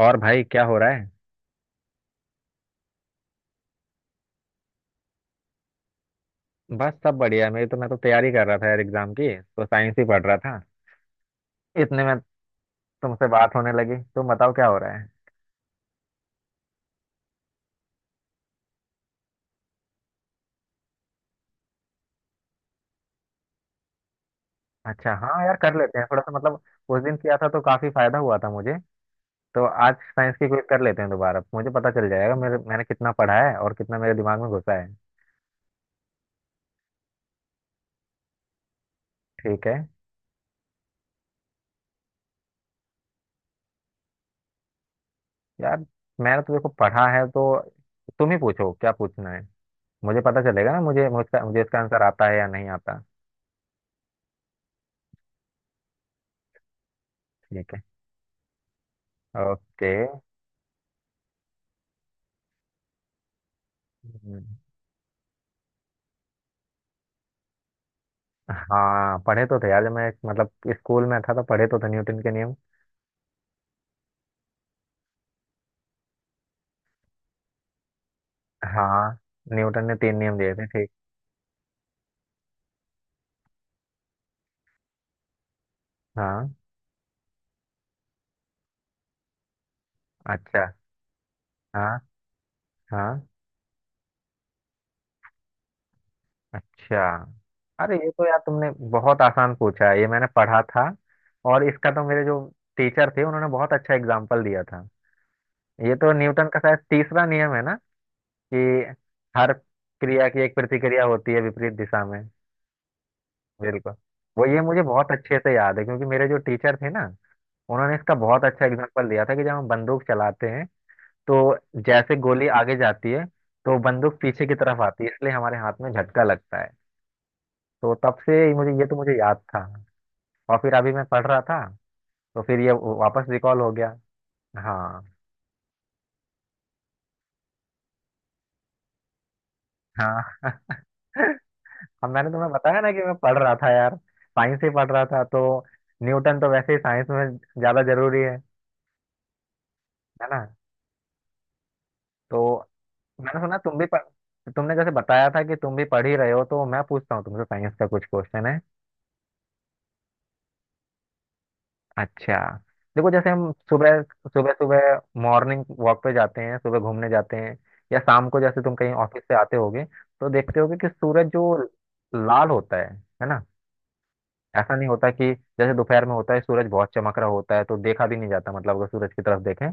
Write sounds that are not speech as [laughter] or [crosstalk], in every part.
और भाई क्या हो रहा है। बस सब बढ़िया। मेरी तो मैं तो तैयारी कर रहा था यार एग्जाम की, तो साइंस ही पढ़ रहा था इतने में तुमसे बात होने लगी। तुम बताओ क्या हो रहा है। अच्छा हाँ यार, कर लेते हैं थोड़ा सा मतलब, उस दिन किया था तो काफी फायदा हुआ था मुझे। तो आज साइंस की क्विज कर लेते हैं दोबारा, मुझे पता चल जाएगा मेरे मैंने कितना पढ़ा है और कितना मेरे दिमाग में घुसा है। ठीक है। यार मैंने तो देखो पढ़ा है, तो तुम ही पूछो क्या पूछना है। मुझे पता चलेगा ना मुझे इसका आंसर आता है या नहीं आता। ठीक है। ओके। हम्म। हाँ, पढ़े तो थे यार, जब मैं मतलब स्कूल में था तो पढ़े तो थे न्यूटन के नियम। हाँ, न्यूटन ने तीन नियम दिए थे, ठीक। हाँ। अच्छा। हाँ। हाँ। अच्छा। अरे ये तो यार तुमने बहुत आसान पूछा है, ये मैंने पढ़ा था और इसका तो मेरे जो टीचर थे उन्होंने बहुत अच्छा एग्जाम्पल दिया था। ये तो न्यूटन का शायद तीसरा नियम है ना, कि हर क्रिया की एक प्रतिक्रिया होती है विपरीत दिशा में। बिल्कुल। वो ये मुझे बहुत अच्छे से याद है क्योंकि मेरे जो टीचर थे ना, उन्होंने इसका बहुत अच्छा एग्जाम्पल दिया था कि जब हम बंदूक चलाते हैं तो जैसे गोली आगे जाती है तो बंदूक पीछे की तरफ आती है, इसलिए हमारे हाथ में झटका लगता है। तो तब से ही मुझे ये तो मुझे याद था, और फिर अभी मैं पढ़ रहा था तो फिर ये वापस रिकॉल हो गया। हाँ। हाँ। [laughs] अब मैंने तुम्हें बताया ना कि मैं पढ़ रहा था यार, साइंस ही पढ़ रहा था तो न्यूटन तो वैसे ही साइंस में ज्यादा जरूरी है ना। तो मैंने सुना तुम भी पढ़ तुमने जैसे बताया था कि तुम भी पढ़ ही रहे हो, तो मैं पूछता हूँ तुमसे साइंस का कुछ क्वेश्चन है। अच्छा, देखो जैसे हम सुबह सुबह सुबह मॉर्निंग वॉक पे जाते हैं, सुबह घूमने जाते हैं, या शाम को जैसे तुम कहीं ऑफिस से आते होगे तो देखते होगे कि सूरज जो लाल होता है ना। ऐसा नहीं होता कि जैसे दोपहर में होता है सूरज बहुत चमक रहा होता है तो देखा भी नहीं जाता, मतलब अगर सूरज की तरफ देखें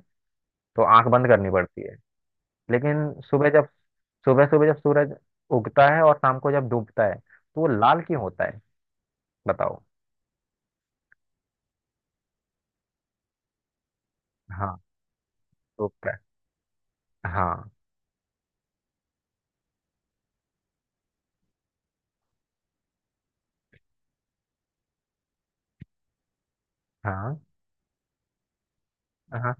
तो आंख बंद करनी पड़ती है। लेकिन सुबह जब सुबह सुबह जब सूरज उगता है और शाम को जब डूबता है तो वो लाल क्यों होता है, बताओ। हाँ। तो हाँ। हाँ। हाँ।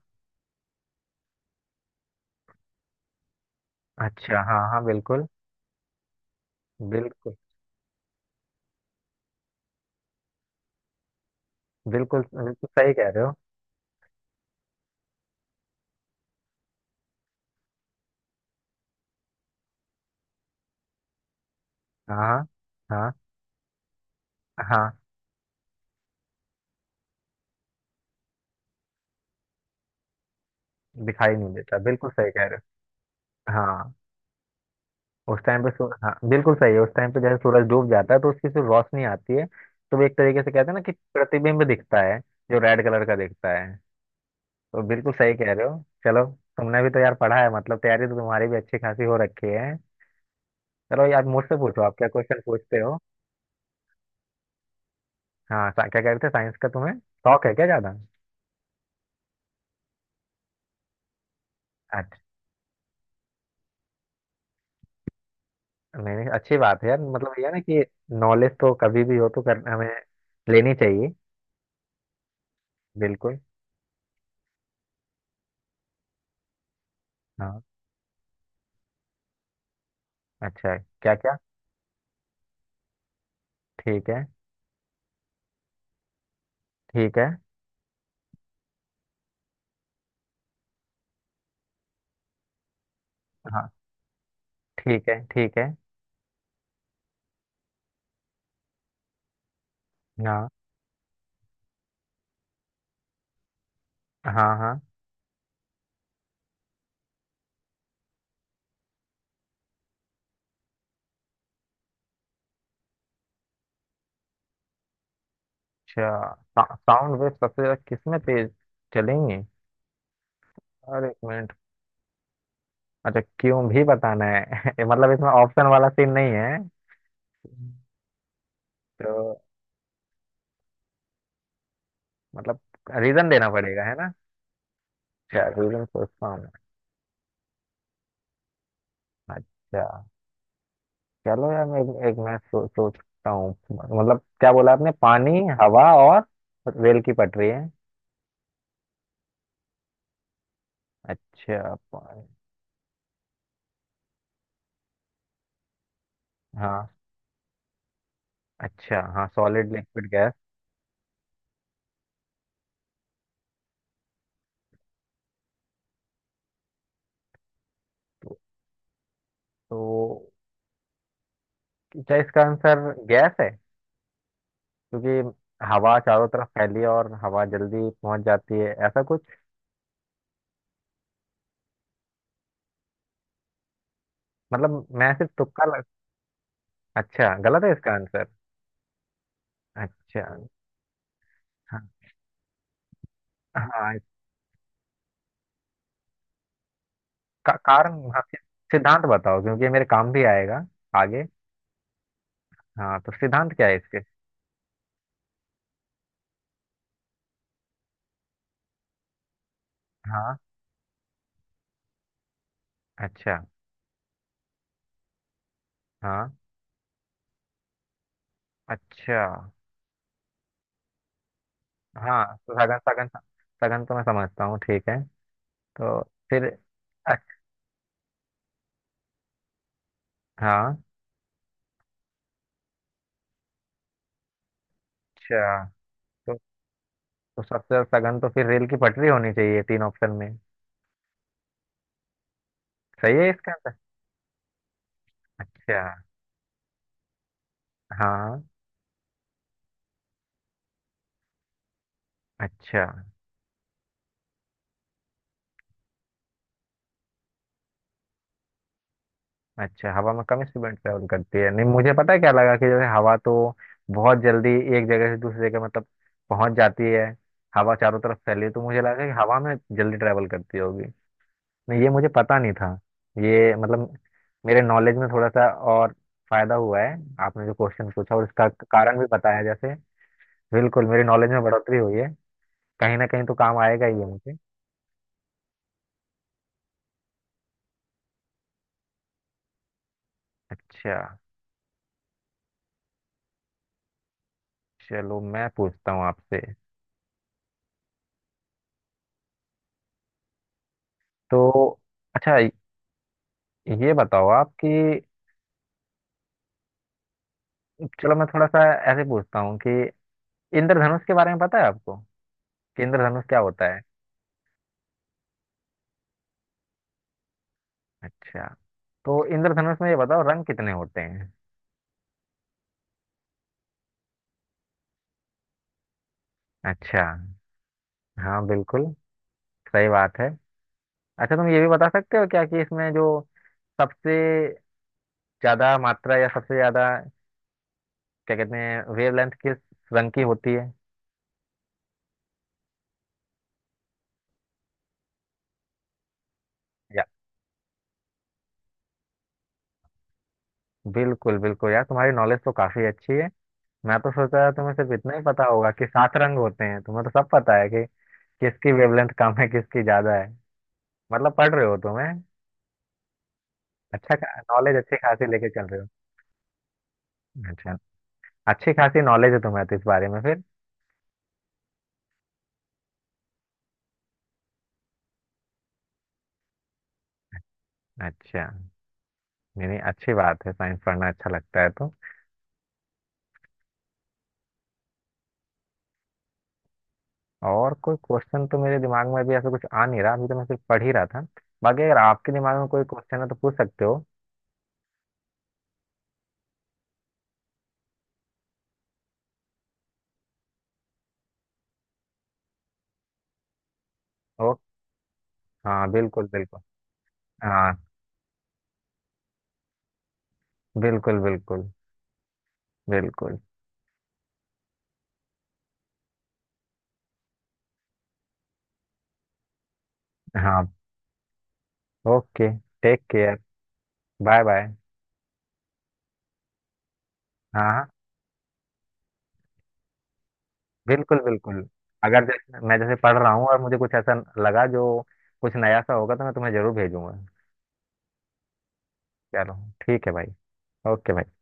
अच्छा। हाँ, हाँ बिल्कुल बिल्कुल बिल्कुल बिल्कुल सही कह रहे हो। हाँ। हाँ। हाँ, दिखाई नहीं देता, बिल्कुल सही कह रहे हो। हाँ, उस टाइम पे सूर- हाँ बिल्कुल सही है, उस टाइम पे जैसे सूरज डूब जाता है तो उसकी जो रोशनी आती है तो वो एक तरीके से कहते हैं ना कि प्रतिबिंब दिखता है, जो रेड कलर का दिखता है। तो बिल्कुल सही कह रहे हो। चलो, तुमने भी तो यार पढ़ा है, मतलब तैयारी तो तुम्हारी भी अच्छी खासी हो रखी है। चलो यार, मुझसे पूछो आप क्या क्वेश्चन पूछते हो। हाँ, क्या कहते थे, साइंस का तुम्हें शौक है क्या ज्यादा। अच्छा। नहीं नहीं, अच्छी बात है यार, मतलब ये है ना कि नॉलेज तो कभी भी हो तो कर हमें लेनी चाहिए। बिल्कुल। हाँ, अच्छा है। क्या क्या। ठीक है, ठीक है। हाँ, ठीक है ठीक है। हाँ। हाँ। हाँ। अच्छा, साउंड वेव सबसे ज्यादा किस में तेज चलेंगे। और एक मिनट, अच्छा क्यों भी बताना है। [laughs] मतलब इसमें ऑप्शन वाला सीन नहीं है तो, मतलब रीजन देना पड़ेगा, है ना। अच्छा रीजन सोचता हूँ मैं। अच्छा चलो यार मैं एक मैं सोचता हूँ, मतलब क्या बोला आपने, पानी, हवा और रेल की पटरी है। अच्छा, पानी। हाँ, अच्छा हाँ, सॉलिड लिक्विड गैस। तो, तो क्या इसका आंसर गैस है, क्योंकि हवा चारों तरफ फैली है और हवा जल्दी पहुंच जाती है, ऐसा कुछ। मतलब मैं सिर्फ तुक्का लग। अच्छा, गलत है इसका आंसर। अच्छा। हाँ। हाँ। कारण हाँ, सिद्धांत बताओ क्योंकि ये मेरे काम भी आएगा आगे। हाँ, तो सिद्धांत क्या है इसके। हाँ। अच्छा। हाँ। अच्छा। हाँ, तो सगन। सगन, सगन तो मैं समझता हूँ, ठीक है। तो फिर, अच्छ- हाँ। अच्छा, तो, तो सबसे ज्यादा सगन तो फिर रेल की पटरी होनी चाहिए तीन ऑप्शन में। सही है इसका आंसर? अच्छा। हाँ। अच्छा। अच्छा, हवा में कम स्पीड ट्रेवल करती है, नहीं मुझे पता है, क्या लगा कि जैसे हवा तो बहुत जल्दी एक जगह से दूसरी जगह मतलब पहुंच जाती है, हवा चारों तरफ फैली है, तो मुझे लगा कि हवा में जल्दी ट्रेवल करती होगी। नहीं ये मुझे पता नहीं था। ये मतलब मेरे नॉलेज में थोड़ा सा और फायदा हुआ है, आपने जो क्वेश्चन पूछा और इसका कारण भी बताया जैसे। बिल्कुल, मेरी नॉलेज में बढ़ोतरी हुई है। कहीं ना कहीं तो काम आएगा ही ये मुझे। अच्छा। चलो मैं पूछता हूँ आपसे। तो अच्छा, ये बताओ आप कि, चलो मैं थोड़ा सा ऐसे पूछता हूँ कि इंद्रधनुष के बारे में पता है आपको, कि इंद्रधनुष क्या होता है। अच्छा, तो इंद्रधनुष में ये बताओ रंग कितने होते हैं। अच्छा, हाँ बिल्कुल, सही बात है। अच्छा, तुम ये भी बता सकते हो क्या कि इसमें जो सबसे ज्यादा मात्रा या सबसे ज्यादा क्या कहते हैं, वेवलेंथ किस रंग की होती है। या, बिल्कुल बिल्कुल यार, तुम्हारी नॉलेज तो काफी अच्छी है। मैं तो सोचा था तुम्हें सिर्फ इतना ही पता होगा कि सात रंग होते हैं, तुम्हें तो सब पता है कि किसकी वेवलेंथ कम है किसकी ज्यादा है, मतलब पढ़ रहे हो तुम्हें। अच्छा, नॉलेज अच्छी खासी लेके चल रहे हो। अच्छा, अच्छी खासी नॉलेज है तुम्हें तो इस बारे में फिर। अच्छा, नहीं नहीं अच्छी बात है, साइंस पढ़ना अच्छा लगता है तो। और कोई क्वेश्चन तो मेरे दिमाग में अभी ऐसा कुछ आ नहीं रहा, अभी तो मैं सिर्फ पढ़ ही रहा था, बाकी अगर आपके दिमाग में कोई क्वेश्चन है तो पूछ सकते हो। ओ। हाँ बिल्कुल बिल्कुल। हाँ। बिल्कुल बिल्कुल। बिल्कुल। हाँ। Okay, take care. Bye bye. हाँ। हाँ बिल्कुल बिल्कुल। अगर जैसे मैं जैसे पढ़ रहा हूँ और मुझे कुछ ऐसा लगा जो कुछ नया सा होगा तो मैं तुम्हें जरूर भेजूंगा। चलो, ठीक है भाई। ओके भाई।